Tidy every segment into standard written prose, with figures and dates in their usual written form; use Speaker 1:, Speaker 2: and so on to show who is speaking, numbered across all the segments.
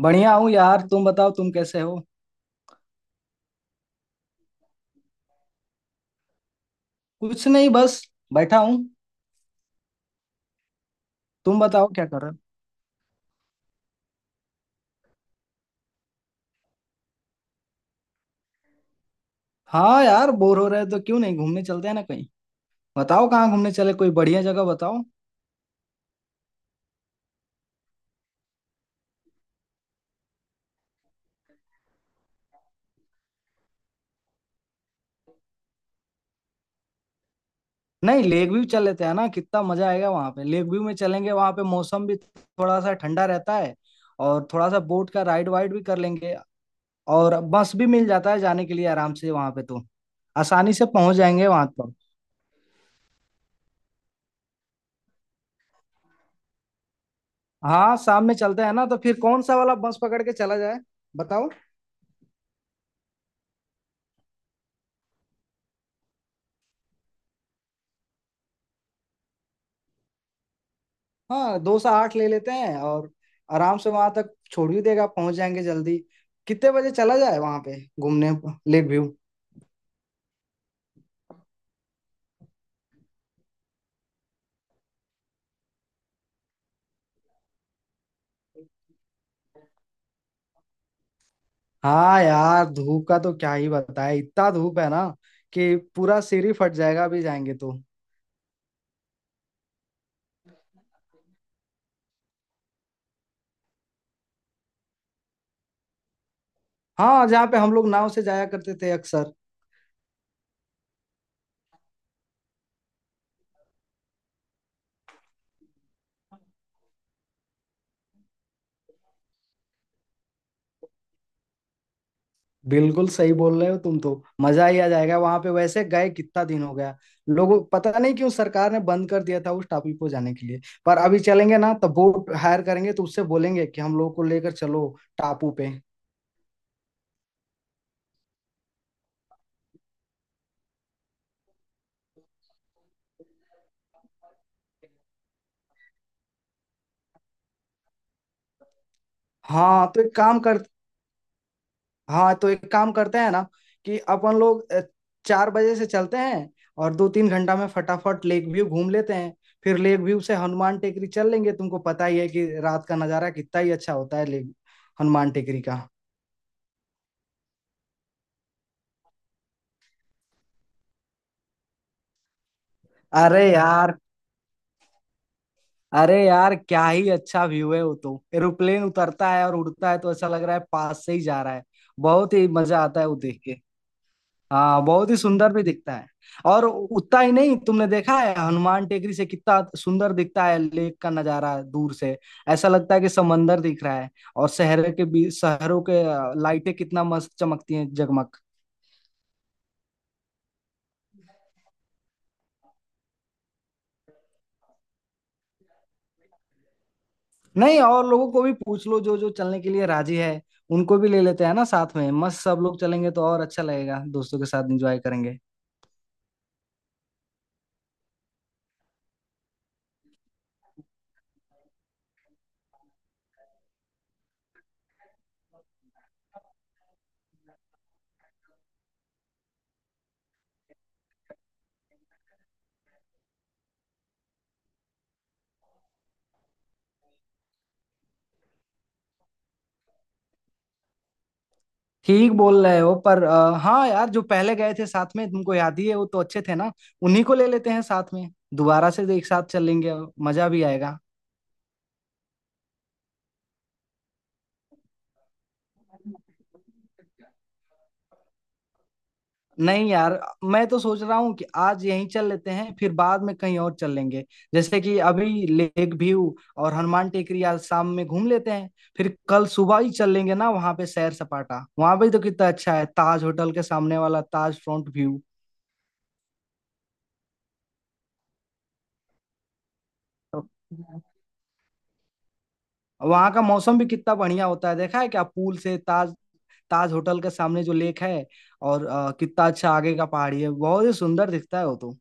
Speaker 1: बढ़िया हूँ यार। तुम बताओ तुम कैसे हो। कुछ नहीं, बस बैठा हूँ। तुम बताओ क्या कर रहे हो। हाँ यार, बोर हो रहे हो तो क्यों नहीं घूमने चलते हैं ना कहीं। बताओ कहाँ घूमने चले, कोई बढ़िया जगह बताओ। नहीं, लेक व्यू चल लेते हैं ना, कितना मजा आएगा वहाँ पे। लेक व्यू में चलेंगे, वहाँ पे मौसम भी थोड़ा सा ठंडा रहता है। और थोड़ा सा बोट का राइड वाइड भी कर लेंगे। और बस भी मिल जाता है जाने के लिए आराम से वहाँ पे, तो आसानी से पहुंच जाएंगे वहां पर। हाँ शाम में चलते हैं ना, तो फिर कौन सा वाला बस पकड़ के चला जाए, बताओ। हाँ दो से आठ ले लेते हैं, और आराम से वहां तक छोड़ भी देगा, पहुंच जाएंगे जल्दी। कितने बजे चला जाए वहां पे घूमने, लेक व्यू। हाँ यार, धूप का तो क्या ही बताए, इतना धूप है ना कि पूरा सिर ही फट जाएगा अभी जाएंगे तो। हाँ, जहाँ पे हम लोग नाव से जाया करते थे अक्सर। बिल्कुल सही बोल रहे हो तुम तो। मजा ही आ जाएगा वहां पे, वैसे गए कितना दिन हो गया लोगों। पता नहीं क्यों सरकार ने बंद कर दिया था उस टापू को जाने के लिए। पर अभी चलेंगे ना तो बोट हायर करेंगे, तो उससे बोलेंगे कि हम लोग को लेकर चलो टापू पे। हाँ तो एक काम कर हाँ तो एक काम करते हैं ना, कि अपन लोग चार बजे से चलते हैं। और दो तीन घंटा में फटाफट लेक व्यू घूम लेते हैं। फिर लेक व्यू से हनुमान टेकरी चल लेंगे, तुमको पता ही है कि रात का नजारा कितना ही अच्छा होता है लेक, हनुमान टेकरी का। अरे यार, अरे यार क्या ही अच्छा व्यू है वो तो। एरोप्लेन उतरता है और उड़ता है तो ऐसा लग रहा है पास से ही जा रहा है। बहुत ही मजा आता है वो देख के। हाँ बहुत ही सुंदर भी दिखता है। और उतना ही नहीं, तुमने देखा है हनुमान टेकरी से कितना सुंदर दिखता है लेक का नजारा दूर से। ऐसा लगता है कि समंदर दिख रहा है। और शहर के बीच शहरों के लाइटें कितना मस्त चमकती हैं, जगमग। नहीं और लोगों को भी पूछ लो जो जो चलने के लिए राजी है, उनको भी ले लेते हैं ना साथ में। मस्त सब लोग चलेंगे तो और अच्छा लगेगा, दोस्तों के साथ एंजॉय करेंगे। ठीक बोल रहे हो, पर हाँ यार, जो पहले गए थे साथ में, तुमको याद ही है वो तो अच्छे थे ना। उन्हीं को ले लेते हैं साथ में। दोबारा से एक साथ चलेंगे, मजा भी आएगा। नहीं यार, मैं तो सोच रहा हूँ कि आज यहीं चल लेते हैं, फिर बाद में कहीं और चल लेंगे। जैसे कि अभी लेक व्यू और हनुमान टेकरी आज शाम में घूम लेते हैं। फिर कल सुबह ही चल लेंगे ना वहां पे, सैर सपाटा वहां पे तो कितना अच्छा है, ताज होटल के सामने वाला ताज फ्रंट व्यू। वहां का मौसम भी कितना बढ़िया होता है, देखा है क्या पूल से ताज, ताज होटल के सामने जो लेक है। और कितना अच्छा आगे का पहाड़ी है, बहुत ही सुंदर दिखता है वो तो।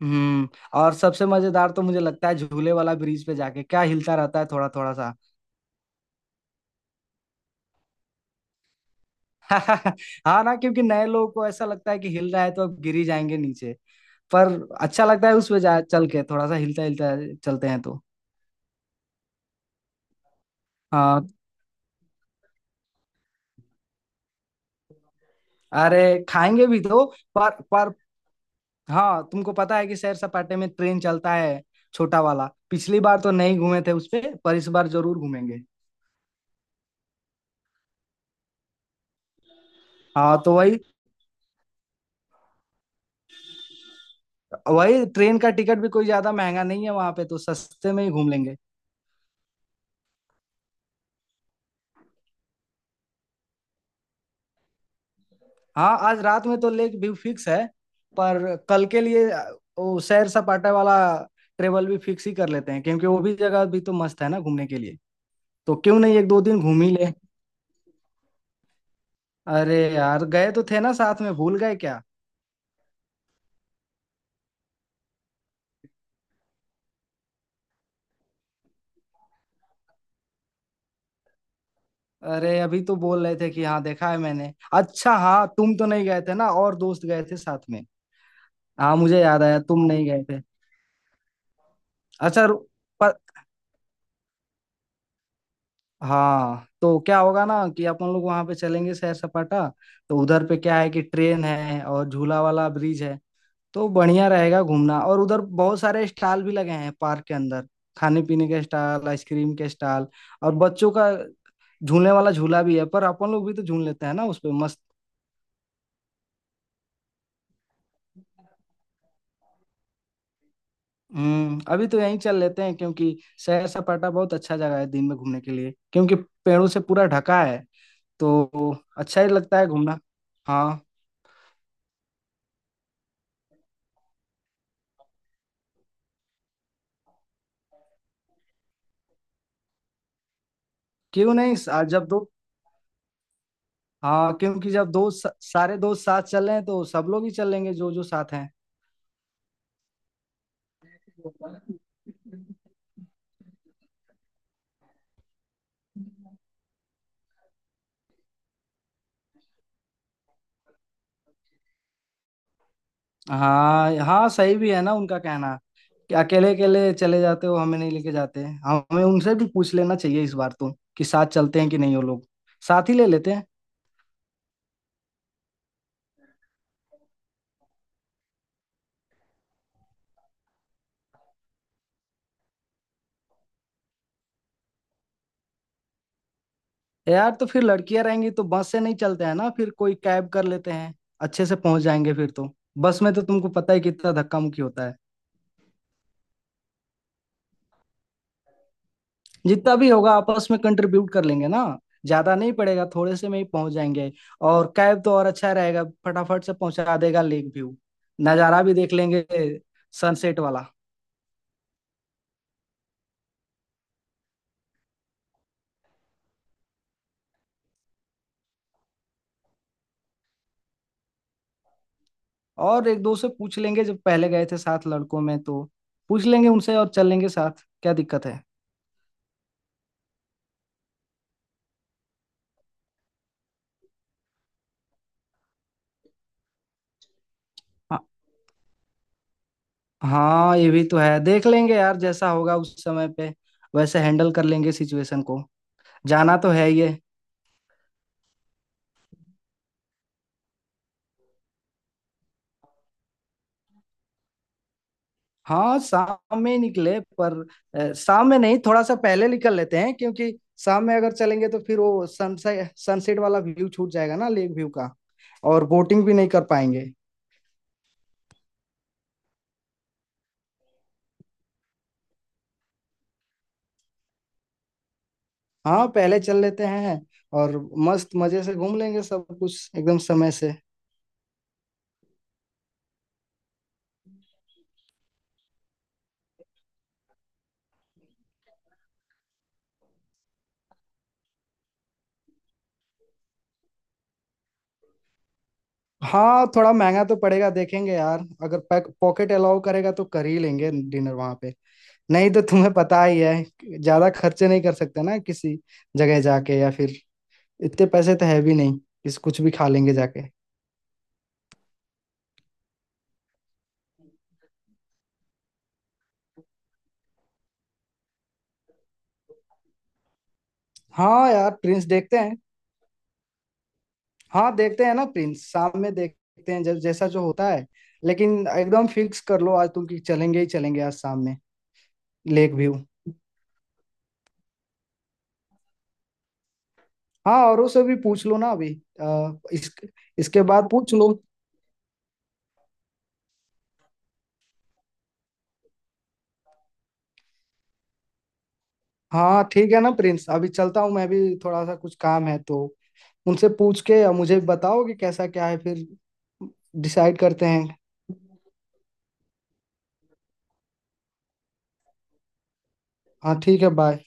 Speaker 1: हम्म। और सबसे मजेदार तो मुझे लगता है झूले वाला ब्रिज पे जाके, क्या हिलता रहता है थोड़ा थोड़ा सा। हाँ ना, क्योंकि नए लोगों को ऐसा लगता है कि हिल रहा है तो अब गिर ही जाएंगे नीचे। पर अच्छा लगता है उस पे जा चल के, थोड़ा सा हिलता हिलता चलते हैं तो। हाँ। अरे, खाएंगे भी तो। पर हाँ, तुमको पता है कि सैर सपाटे में ट्रेन चलता है, छोटा वाला। पिछली बार तो नहीं घूमे थे उस पे, पर इस बार जरूर घूमेंगे। हाँ तो वही। वही ट्रेन का टिकट भी कोई ज्यादा महंगा नहीं है वहां पे, तो सस्ते में ही घूम लेंगे। हाँ आज रात में तो लेक व्यू फिक्स है। पर कल के लिए वो सैर सपाटा वाला ट्रेवल भी फिक्स ही कर लेते हैं, क्योंकि वो भी जगह भी तो मस्त है ना घूमने के लिए। तो क्यों नहीं एक दो दिन घूम ही ले। अरे यार गए तो थे ना साथ में, भूल गए क्या। अरे अभी तो बोल रहे थे कि हाँ देखा है मैंने। अच्छा हाँ, तुम तो नहीं गए थे ना, और दोस्त गए थे साथ में। हाँ मुझे याद आया, तुम नहीं गए थे। अच्छा रु- प, हाँ तो क्या होगा ना कि अपन लोग वहां पे चलेंगे सैर सपाटा। तो उधर पे क्या है कि ट्रेन है और झूला वाला ब्रिज है, तो बढ़िया रहेगा घूमना। और उधर बहुत सारे स्टॉल भी लगे हैं पार्क के अंदर, खाने पीने के स्टॉल, आइसक्रीम के स्टॉल। और बच्चों का झूलने वाला झूला भी है, पर अपन लोग भी तो झूल लेते हैं ना उस पे मस्त। अभी तो यहीं चल लेते हैं क्योंकि सैर सपाटा बहुत अच्छा जगह है दिन में घूमने के लिए, क्योंकि पेड़ों से पूरा ढका है तो अच्छा ही लगता है घूमना। हाँ। क्यों नहीं आज जब दो, हाँ क्योंकि जब दोस्त सारे दोस्त साथ चल रहे हैं तो सब लोग ही चलेंगे जो जो साथ हैं। हाँ हाँ, सही भी है ना उनका कहना, कि अकेले अकेले चले जाते हो, हमें नहीं लेके जाते। हमें उनसे भी पूछ लेना चाहिए इस बार तो, कि साथ चलते हैं कि नहीं वो लोग, साथ ही ले लेते हैं। यार तो फिर लड़कियां रहेंगी तो बस से नहीं चलते हैं ना, फिर कोई कैब कर लेते हैं। अच्छे से पहुंच जाएंगे फिर तो। बस में तो तुमको पता ही कितना धक्का मुक्की होता है। जितना भी होगा आपस में कंट्रीब्यूट कर लेंगे ना, ज्यादा नहीं पड़ेगा, थोड़े से में ही पहुंच जाएंगे। और कैब तो और अच्छा रहेगा, फटाफट से पहुंचा देगा लेक व्यू, नज़ारा भी देख लेंगे सनसेट वाला। और एक दो से पूछ लेंगे, जब पहले गए थे साथ लड़कों में तो, पूछ लेंगे उनसे और चल लेंगे साथ, क्या दिक्कत है। हाँ हाँ, ये भी तो है, देख लेंगे यार जैसा होगा उस समय पे वैसे हैंडल कर लेंगे सिचुएशन को। जाना तो है ये। हाँ शाम में ही निकले, पर शाम में नहीं, थोड़ा सा पहले निकल लेते हैं, क्योंकि शाम में अगर चलेंगे तो फिर वो सनसेट सनसेट वाला व्यू छूट जाएगा ना लेक व्यू का, और बोटिंग भी नहीं कर पाएंगे। हाँ पहले चल लेते हैं, और मस्त मजे से घूम लेंगे सब कुछ एकदम समय से। हाँ थोड़ा महंगा तो पड़ेगा, देखेंगे यार अगर पैक पॉकेट अलाउ करेगा तो कर ही लेंगे डिनर वहां पे। नहीं तो तुम्हें पता ही है, ज्यादा खर्चे नहीं कर सकते ना किसी जगह जाके। या फिर इतने पैसे तो है भी नहीं, किस कुछ भी खा लेंगे जाके। हाँ यार प्रिंस, देखते हैं। हाँ देखते हैं ना प्रिंस, शाम में देखते हैं जब जैसा जो होता है। लेकिन एकदम फिक्स कर लो आज तुम, कि चलेंगे ही चलेंगे आज शाम में, लेक व्यू। हाँ औरों से भी पूछ लो ना अभी, आ, इस, इसके बाद पूछ लो। हाँ ठीक है ना प्रिंस, अभी चलता हूँ मैं भी, थोड़ा सा कुछ काम है तो। उनसे पूछ के मुझे बताओ कि कैसा क्या है, फिर डिसाइड करते हैं। हाँ ठीक है, बाय।